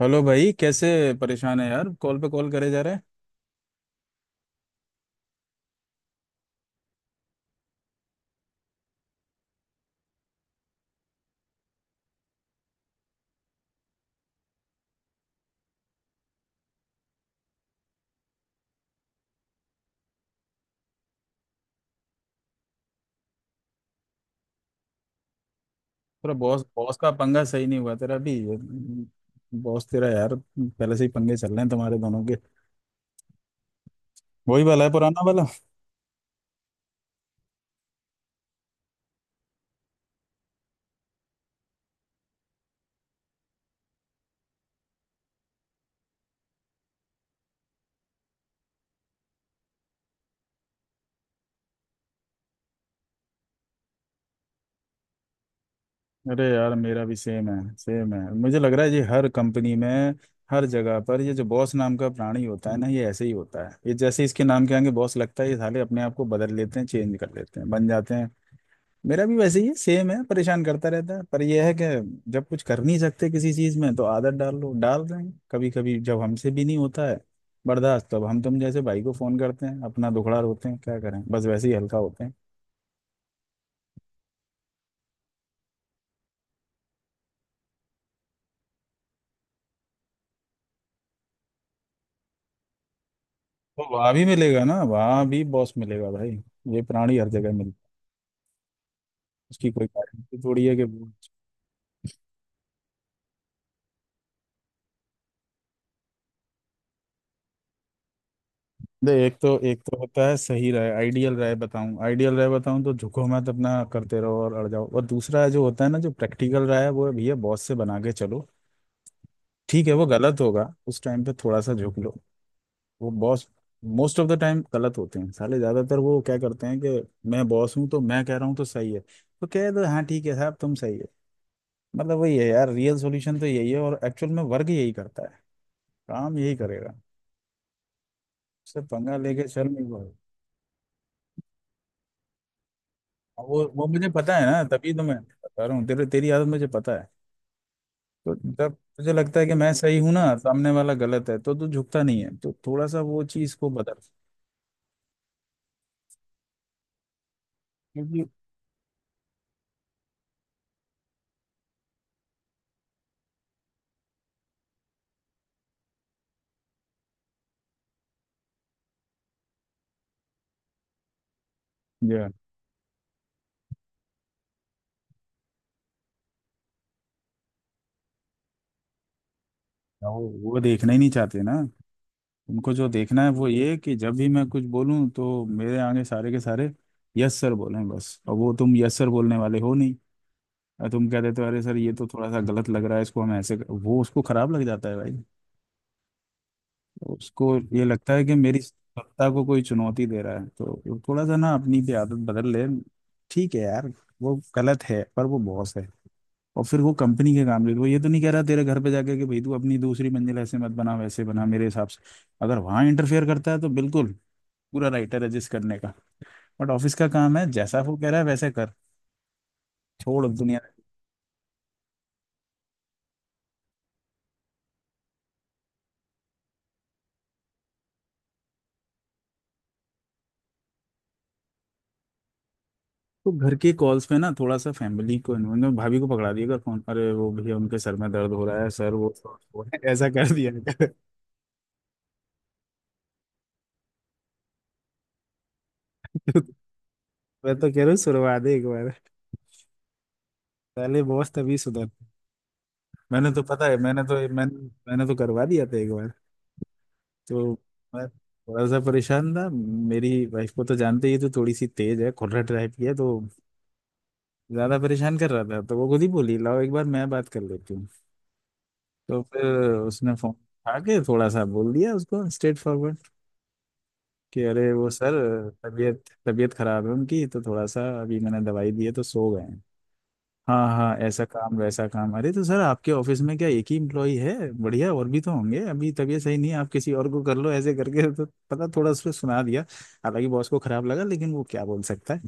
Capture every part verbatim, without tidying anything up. Hello भाई कैसे? परेशान है यार, कॉल पे कॉल करे जा रहे हैं। थोड़ा बॉस बॉस का पंगा सही नहीं हुआ तेरा भी। बॉस तेरा यार पहले से ही पंगे चल रहे हैं तुम्हारे दोनों के। वही वाला है, पुराना वाला। अरे यार मेरा भी सेम है। सेम है, मुझे लग रहा है ये हर कंपनी में हर जगह पर ये जो बॉस नाम का प्राणी होता है ना, ये ऐसे ही होता है। ये जैसे इसके नाम के आगे बॉस लगता है, ये साले अपने आप को बदल लेते हैं, चेंज कर लेते हैं, बन जाते हैं। मेरा भी वैसे ही है, सेम है, परेशान करता रहता है। पर यह है कि जब कुछ कर नहीं सकते किसी चीज में तो आदत डाल लो। डाल रहे हैं कभी कभी, जब हमसे भी नहीं होता है बर्दाश्त तब हम तुम जैसे भाई को फोन करते हैं, अपना दुखड़ा रोते हैं, क्या करें, बस वैसे ही हल्का होते हैं। तो वहाँ भी मिलेगा ना, वहाँ भी बॉस मिलेगा भाई। ये प्राणी हर जगह मिलता है। उसकी कोई गारंटी थोड़ी है कि दे। एक तो एक तो होता है सही राय, आइडियल राय बताऊं, आइडियल राय बताऊं तो झुको मत, अपना करते रहो और अड़ जाओ। और दूसरा जो होता है ना, जो प्रैक्टिकल राय है वो है, भैया बॉस से बना के चलो। ठीक है, वो गलत होगा उस टाइम पे थोड़ा सा झुक लो। वो boss most of the time गलत होते हैं साले, ज्यादातर वो क्या करते हैं कि मैं बॉस हूँ तो मैं कह रहा हूँ तो सही है। तो कह दो, हाँ ठीक है साहब, तुम सही है। मतलब वही है यार, रियल सॉल्यूशन तो यही है, और एक्चुअल में वर्ग यही करता है, काम यही करेगा। उससे पंगा लेके चल नहीं वो। वो वो मुझे पता है ना, तभी तो मैं बता रहा हूँ, तेरे तेरी आदत मुझे पता है। तो जब तुझे लगता है कि मैं सही हूं ना, सामने वाला गलत है, तो तू झुकता नहीं है। तो थोड़ा सा वो चीज को बदल। क्योंकि वो वो देखना ही नहीं चाहते ना। उनको जो देखना है वो ये है कि जब भी मैं कुछ बोलूं तो मेरे आगे सारे के सारे यस सर बोलें बस। और वो तुम यस सर बोलने वाले हो नहीं, और तुम कह देते हो तो, अरे सर ये तो थोड़ा सा गलत लग रहा है, इसको हम ऐसे कर-" वो उसको खराब लग जाता है भाई। उसको ये लगता है कि मेरी सत्ता को कोई चुनौती दे रहा है। तो वो थोड़ा सा ना अपनी भी आदत बदल ले। ठीक है यार, वो गलत है पर वो बॉस है। और फिर वो कंपनी के काम ले, वो ये तो नहीं कह रहा तेरे घर पे जाके कि भाई तू अपनी दूसरी मंजिल ऐसे मत बना, वैसे बना मेरे हिसाब से। अगर वहाँ इंटरफेयर करता है तो बिल्कुल पूरा राइट है रजिस्ट करने का। बट ऑफिस का काम है, जैसा वो कह रहा है वैसे कर, छोड़ दुनिया। तो घर के कॉल्स पे ना थोड़ा सा फैमिली को इन्वॉल्व, भाभी को पकड़ा दिया कर फोन, अरे वो भैया उनके सर में दर्द हो रहा है, सर वो वो है", ऐसा कर दिया कर। मैं तो कह रहा हूँ सुनवा दे एक बार, पहले बॉस तभी सुधर। मैंने तो पता है, मैंने तो मैंने मैंने तो करवा दिया था एक बार। तो मैं थोड़ा सा परेशान था। मेरी वाइफ को तो जानते ही है, तो थोड़ी सी तेज है, खोलट टाइप की है, तो ज्यादा परेशान कर रहा था तो वो खुद ही बोली, लाओ एक बार मैं बात कर लेती हूँ। तो फिर उसने फोन उठा के थोड़ा सा बोल दिया उसको स्ट्रेट फॉरवर्ड कि अरे वो सर, तबीयत तबीयत खराब है उनकी, तो थोड़ा सा अभी मैंने दवाई दी है तो सो गए हैं। हाँ हाँ ऐसा काम वैसा काम, अरे तो सर आपके ऑफिस में क्या एक ही इम्प्लॉई है? बढ़िया और भी तो होंगे, अभी तबीयत सही नहीं है आप किसी और को कर लो, ऐसे करके तो पता थोड़ा उसने सुना दिया। हालांकि बॉस को खराब लगा, लेकिन वो क्या बोल सकता है।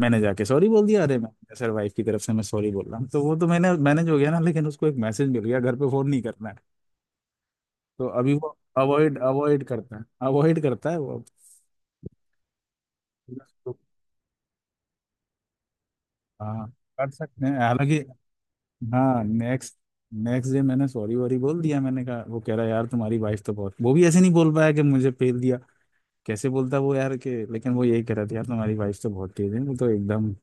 मैंने जाके सॉरी बोल दिया, अरे मैं सर वाइफ की तरफ से मैं सॉरी बोल रहा हूँ। तो वो तो मैंने मैनेज हो गया ना, लेकिन उसको एक मैसेज मिल गया, घर पे फोन नहीं करना है। तो अभी वो अवॉइड अवॉइड करता है, अवॉइड करता है वो। हाँ कर सकते हैं हालांकि। हाँ नेक्स्ट। नेक्स्ट डे मैंने सॉरी वॉरी बोल दिया, मैंने कहा वो कह रहा यार तुम्हारी वाइफ तो बहुत, वो भी ऐसे नहीं बोल पाया कि मुझे फेल दिया, कैसे बोलता वो यार कि, लेकिन वो यही कह रहा था यार तुम्हारी वाइफ तो बहुत तेज है, वो तो एकदम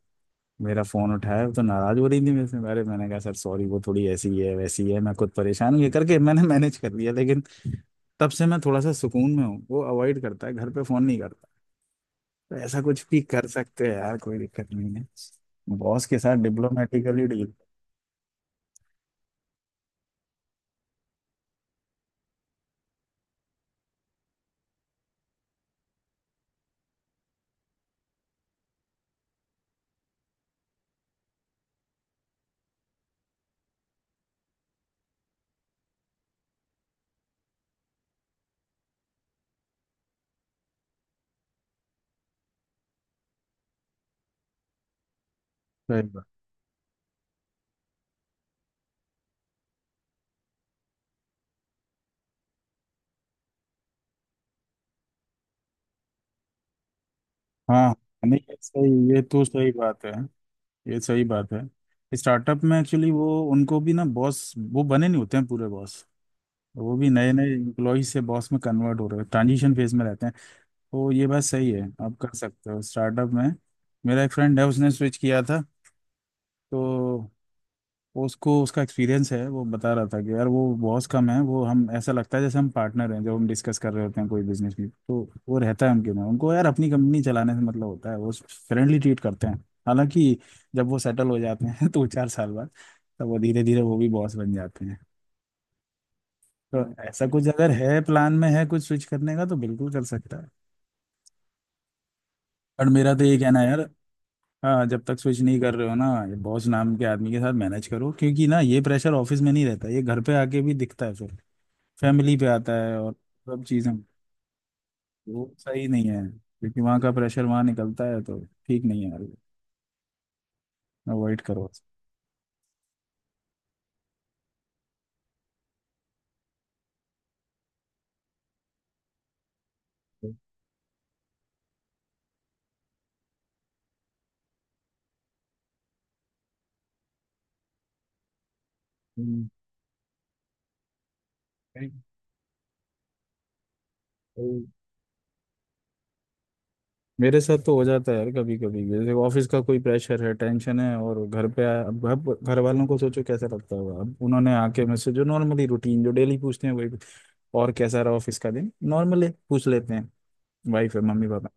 मेरा फोन उठाया, वो तो नाराज हो रही थी मेरे से। अरे मैंने कहा सर सॉरी, वो थोड़ी ऐसी ही है वैसी ही है, मैं खुद परेशान हूँ, ये करके मैंने मैनेज कर लिया। लेकिन तब से मैं थोड़ा सा सुकून में हूँ, वो अवॉइड करता है, घर पे फोन नहीं करता। तो ऐसा कुछ भी कर सकते हैं यार, कोई दिक्कत नहीं है बॉस के साथ डिप्लोमेटिकली डील। हाँ नहीं ये सही, ये तो सही बात है, ये सही बात है। स्टार्टअप में एक्चुअली वो उनको भी ना, बॉस वो बने नहीं होते हैं पूरे बॉस। वो भी नए नए इम्प्लॉय से बॉस में कन्वर्ट हो रहे हैं, ट्रांजिशन फेज में रहते हैं। तो ये बात सही है, आप कर सकते हो स्टार्टअप में। मेरा एक फ्रेंड है, उसने स्विच किया था, तो वो उसको उसका एक्सपीरियंस है, वो बता रहा था कि यार वो बहुत कम है, वो हम ऐसा लगता है जैसे हम पार्टनर हैं जब हम डिस्कस कर रहे होते हैं कोई बिजनेस भी। तो वो रहता है उनके में, उनको यार अपनी कंपनी चलाने से मतलब होता है, वो फ्रेंडली ट्रीट करते हैं। हालांकि जब वो सेटल हो जाते हैं दो चार साल बाद तब वो धीरे धीरे वो भी बॉस बन जाते हैं। तो ऐसा कुछ अगर है प्लान में है कुछ स्विच करने का, तो बिल्कुल कर सकता है। और मेरा तो ये कहना है यार, हाँ जब तक स्विच नहीं कर रहे हो ना, ये बॉस नाम के आदमी के साथ मैनेज करो, क्योंकि ना ये प्रेशर ऑफिस में नहीं रहता, ये घर पे आके भी दिखता है फिर, फैमिली पे आता है और सब चीज़ें। वो सही नहीं है, क्योंकि वहाँ का प्रेशर वहाँ निकलता है तो। ठीक नहीं है यार, अवॉइड करो। हम्म, नहीं, नहीं। मेरे साथ तो हो जाता है यार कभी कभी, जैसे ऑफिस का कोई प्रेशर है, टेंशन है, और घर पे आया, अब घर घर वालों को सोचो कैसा लगता होगा, अब उन्होंने आके मुझसे जो नॉर्मली रूटीन जो डेली पूछते हैं वही, और कैसा रहा ऑफिस का दिन, नॉर्मली पूछ लेते हैं, वाइफ है मम्मी पापा।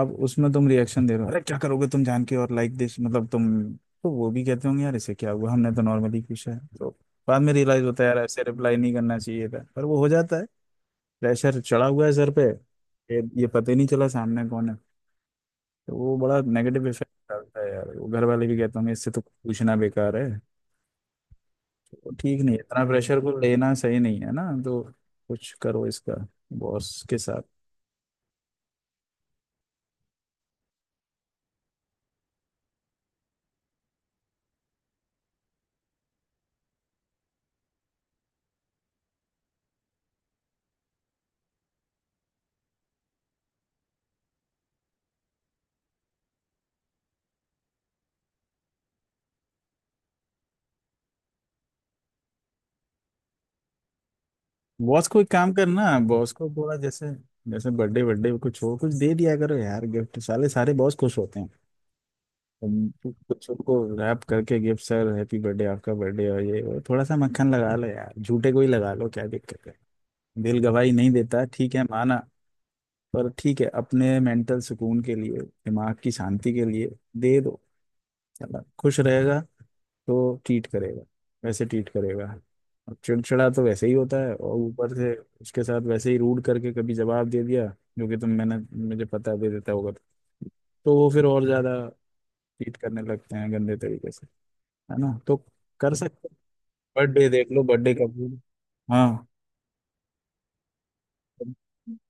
अब उसमें तुम रिएक्शन दे रहे हो, अरे क्या करोगे तुम जान के, और लाइक दिस, मतलब तुम। तो वो भी कहते होंगे यार इसे क्या हुआ, हमने तो नॉर्मली पूछा है तो। बाद में रियलाइज होता है यार ऐसे रिप्लाई नहीं करना चाहिए था, पर वो हो जाता है। प्रेशर चढ़ा हुआ है सर पे। ये ये पता ही नहीं चला सामने कौन है। तो वो बड़ा नेगेटिव इफेक्ट डालता है यार, वो घर वाले भी कहते होंगे इससे तो पूछना बेकार है। तो वो ठीक नहीं है, इतना प्रेशर को लेना सही नहीं है ना तो। कुछ करो इसका, बॉस के साथ। बॉस को एक काम करना, बॉस को थोड़ा जैसे, जैसे बर्थडे बर्थडे कुछ हो, कुछ दे दिया करो यार गिफ्ट, साले सारे बॉस खुश होते हैं तुम। कुछ उनको रैप करके गिफ्ट, सर हैप्पी बर्थडे, आपका बर्थडे हो ये वो, थोड़ा सा मक्खन लगा लो यार, झूठे को ही लगा लो, क्या दिक्कत है। दिल गवाही नहीं देता, ठीक है माना, पर ठीक है अपने मेंटल सुकून के लिए, दिमाग की शांति के लिए दे दो। है ना, खुश रहेगा तो ट्रीट करेगा, वैसे ट्रीट करेगा। अब चिड़चिड़ा तो वैसे ही होता है, और ऊपर से उसके साथ वैसे ही रूड करके कभी जवाब दे दिया, जो कि तुम मैंने, मुझे पता है दे देता होगा, तो तो वो फिर और ज्यादा ट्रीट करने लगते हैं गंदे तरीके से। है ना, तो कर सकते। बर्थडे देख लो, बर्थडे का फूल। हाँ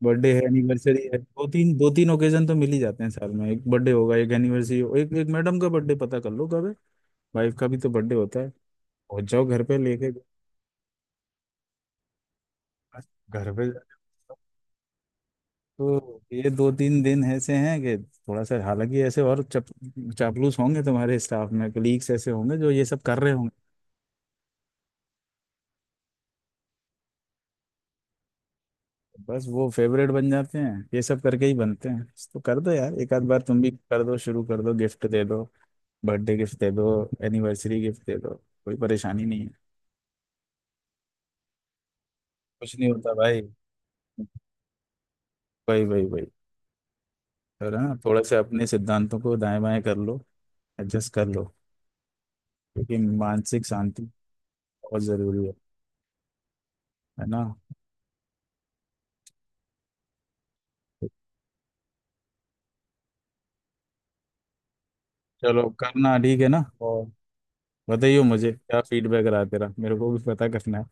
बर्थडे है, एनिवर्सरी है, दो तीन दो तीन ओकेजन तो मिल ही जाते हैं साल में, एक बर्थडे होगा, एक एनिवर्सरी हो, एक एक मैडम का बर्थडे पता कर लो कब है। वाइफ का भी तो बर्थडे होता है। पहुंच जाओ घर पे लेके, घर पे। तो ये दो तीन दिन ऐसे हैं कि थोड़ा सा, हालांकि ऐसे और चप, चापलूस होंगे तुम्हारे स्टाफ में, कलीग्स ऐसे होंगे जो ये सब कर रहे होंगे। बस वो फेवरेट बन जाते हैं, ये सब करके ही बनते हैं। तो कर दो यार एक आध बार, तुम भी कर दो, शुरू कर दो, गिफ्ट दे दो, बर्थडे गिफ्ट दे दो, एनिवर्सरी गिफ्ट दे दो, कोई परेशानी नहीं है। कुछ नहीं होता भाई, भाई भाई। भाई है ना, थोड़ा सा अपने सिद्धांतों को दाएं बाएं कर लो, एडजस्ट कर लो, क्योंकि मानसिक शांति बहुत जरूरी है है ना। चलो करना, ठीक है ना। और बताइयो मुझे क्या फीडबैक रहा तेरा, मेरे को भी पता करना है।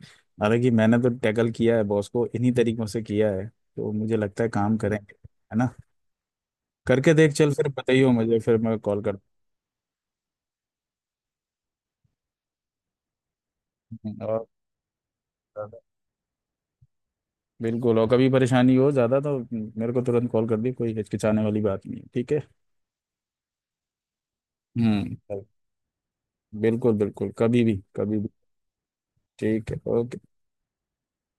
हालांकि मैंने तो टैकल किया है बॉस को इन्हीं तरीकों से किया है, तो मुझे लगता है काम करेंगे। है ना, करके देख चल, फिर बताइयो मुझे, फिर मैं कॉल करता हूँ। और बिल्कुल, और कभी परेशानी हो ज़्यादा तो मेरे को तुरंत कॉल कर दी, कोई हिचकिचाने वाली बात नहीं है, ठीक है। हम्म, बिल्कुल बिल्कुल, कभी भी कभी भी। ठीक है, ओके।